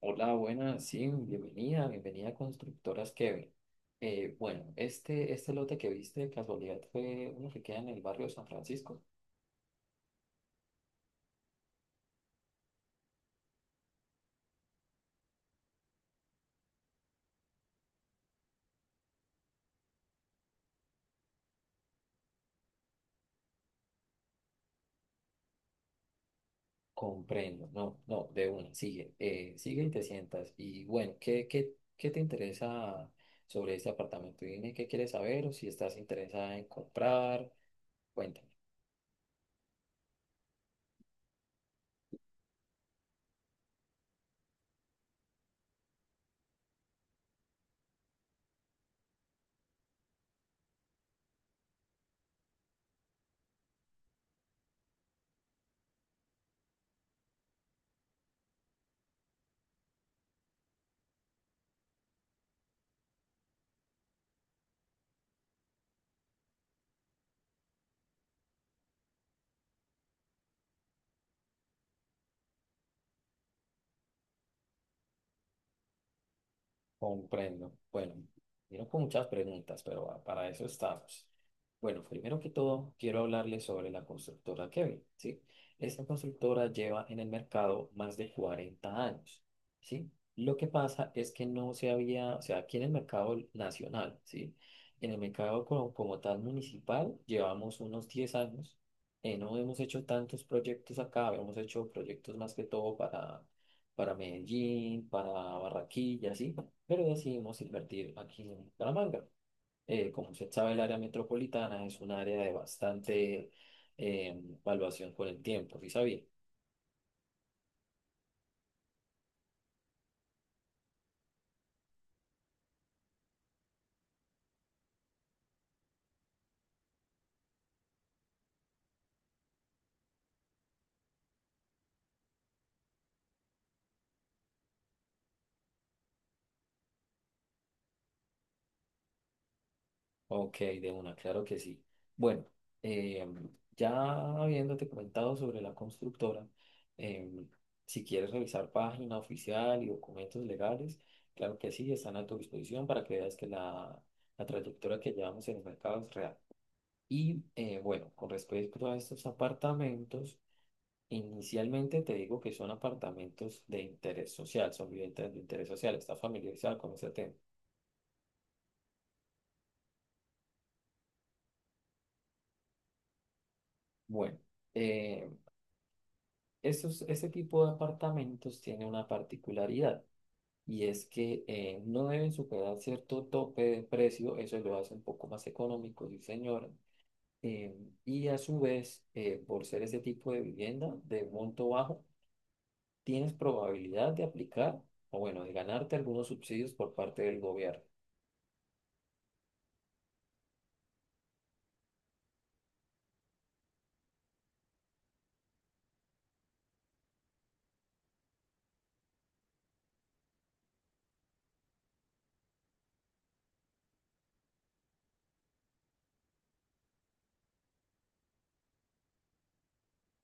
Hola, buenas, sí, bienvenida, a Constructoras Kevin. Este lote que viste de casualidad fue uno que queda en el barrio de San Francisco. Comprendo, no, no, de una, sigue, sigue y te sientas. Y bueno, ¿qué te interesa sobre este apartamento? Dime qué quieres saber o si estás interesada en comprar, cuéntame. Comprendo. Bueno, vino con muchas preguntas, pero ah, para eso estamos. Bueno, primero que todo, quiero hablarles sobre la constructora Kevin, ¿sí? Esta constructora lleva en el mercado más de 40 años, ¿sí? Lo que pasa es que no se había, o sea, aquí en el mercado nacional, ¿sí? En el mercado como tal municipal llevamos unos 10 años. No hemos hecho tantos proyectos acá, hemos hecho proyectos más que todo para Medellín, para Barranquilla, sí, pero decidimos invertir aquí en Bucaramanga. Como usted sabe, el área metropolitana es un área de bastante evaluación con el tiempo, ¿sí sabía? Ok, de una, claro que sí. Bueno, eh, ya habiéndote comentado sobre la constructora, em, si quieres revisar página oficial y documentos legales, claro que sí, están a tu disposición para que veas que la trayectoria que llevamos en el mercado es real. Y bueno, con respecto a estos apartamentos, inicialmente te digo que son apartamentos de interés social, son viviendas de interés social, ¿estás familiarizado con ese tema? Bueno, eh, este tipo de apartamentos tiene una particularidad y es que no deben superar cierto tope de precio, eso lo hace un poco más económico, sí señora. eh, y a su vez, por ser ese tipo de vivienda de monto bajo, tienes probabilidad de aplicar o bueno, de ganarte algunos subsidios por parte del gobierno.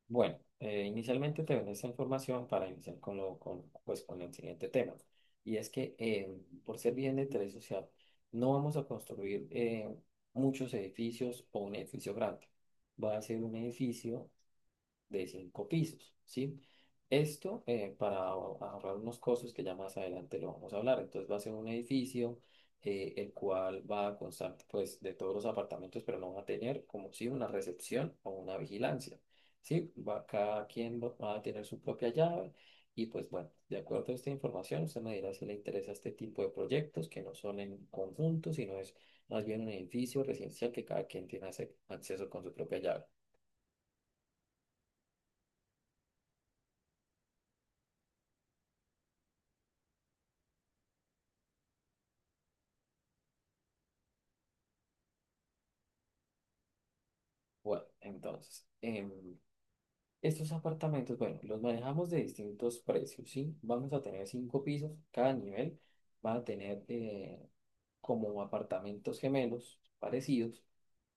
Bueno, inicialmente te venden esta información para iniciar pues, con el siguiente tema. Y es que por ser bien de interés social, no vamos a construir muchos edificios o un edificio grande. Va a ser un edificio de 5 pisos, ¿sí? Esto, para ahorrar unos costos que ya más adelante lo vamos a hablar. Entonces va a ser un edificio el cual va a constar pues de todos los apartamentos, pero no va a tener como si una recepción o una vigilancia, ¿sí? Cada quien va a tener su propia llave y pues bueno, de acuerdo a esta información, usted me dirá si le interesa este tipo de proyectos que no son en conjunto, sino es más bien un edificio residencial que cada quien tiene acceso con su propia llave. Bueno, entonces, estos apartamentos, bueno, los manejamos de distintos precios, ¿sí? Vamos a tener 5 pisos, cada nivel va a tener como apartamentos gemelos parecidos,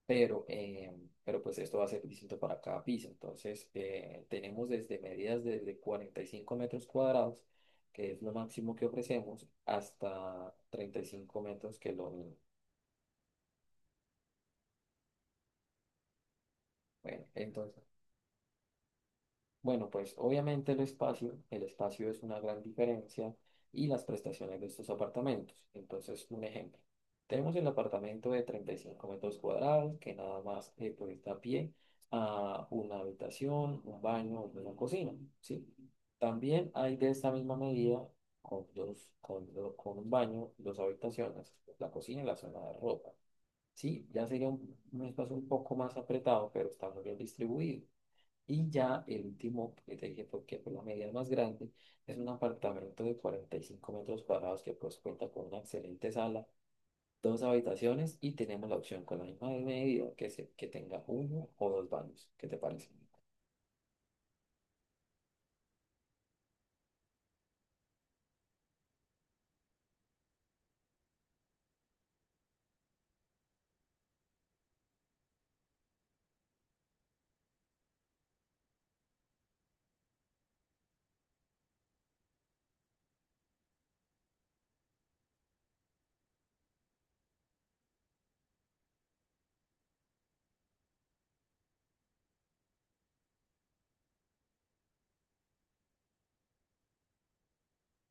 pero, pero esto va a ser distinto para cada piso. Entonces, tenemos desde medidas desde 45 metros cuadrados, que es lo máximo que ofrecemos, hasta 35 metros, que es lo mínimo. Bueno, entonces, bueno, pues obviamente el espacio es una gran diferencia y las prestaciones de estos apartamentos. Entonces, un ejemplo. Tenemos el apartamento de 35 metros cuadrados que nada más, pues, da pie a una habitación, un baño, una cocina, ¿sí? También hay de esta misma medida con un baño, dos habitaciones, la cocina y la zona de ropa. Sí, ya sería un espacio un poco más apretado, pero está muy bien distribuido. Y ya el último que te dije, porque fue la medida más grande, es un apartamento de 45 metros cuadrados que pues cuenta con una excelente sala, dos habitaciones y tenemos la opción con la misma medida que tenga uno o dos baños. ¿Qué te parece?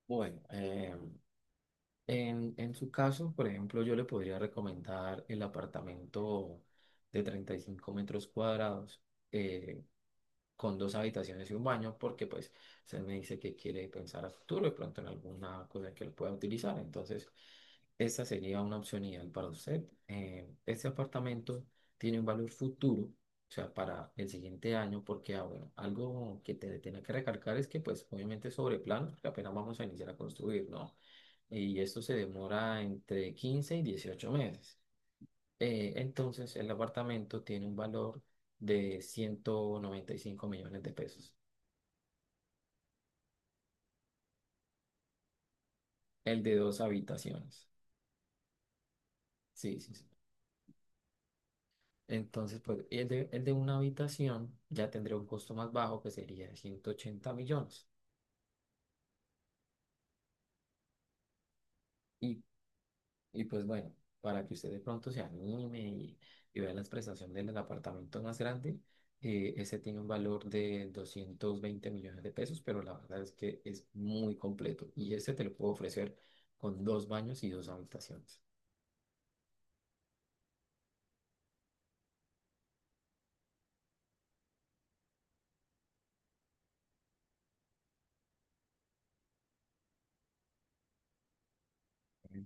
Bueno, en su caso, por ejemplo, yo le podría recomendar el apartamento de 35 metros cuadrados. Eh, con dos habitaciones y un baño, porque pues se me dice que quiere pensar a futuro y pronto en alguna cosa que lo pueda utilizar. Entonces, esa sería una opción ideal para usted. Este apartamento tiene un valor futuro, o sea, para el siguiente año, porque ah, bueno, algo que te tiene que recalcar es que pues obviamente es sobre plano, porque apenas vamos a iniciar a construir, ¿no? Y esto se demora entre 15 y 18 meses. Entonces, el apartamento tiene un valor de 195 millones de pesos. El de dos habitaciones. Sí, sí, sí. Entonces, pues, el de una habitación ya tendría un costo más bajo que sería de 180 millones. Y pues bueno, para que usted de pronto se anime y vea las prestaciones del apartamento más grande, ese tiene un valor de 220 millones de pesos, pero la verdad es que es muy completo y ese te lo puedo ofrecer con dos baños y dos habitaciones. Ujú.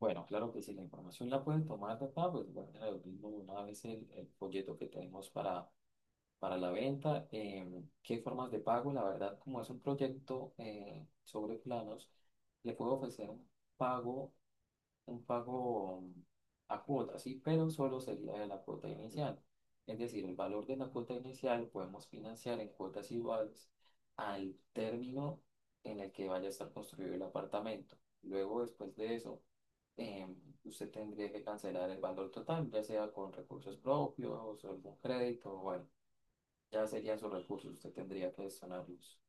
Bueno, claro que si la información la pueden tomar de acá, pues guarden lo mismo una vez el folleto que tenemos para la venta. ¿Qué formas de pago? La verdad, como es un proyecto sobre planos, le puedo ofrecer pago un pago a cuota, sí, pero solo sería de la cuota inicial. Es decir, el valor de la cuota inicial podemos financiar en cuotas iguales al término en el que vaya a estar construido el apartamento. Luego, después de eso, em, usted tendría que cancelar el valor total, ya sea con recursos propios o algún crédito, bueno, ya serían sus recursos, usted tendría que gestionarlos.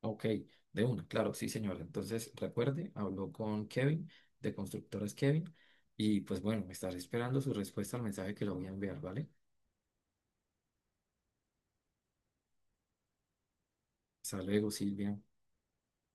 Ok, de una, claro, sí, señora. Entonces, recuerde, habló con Kevin, de Constructoras Kevin, y pues bueno, me estaré esperando su respuesta al mensaje que le voy a enviar, ¿vale? Hasta luego, Silvia.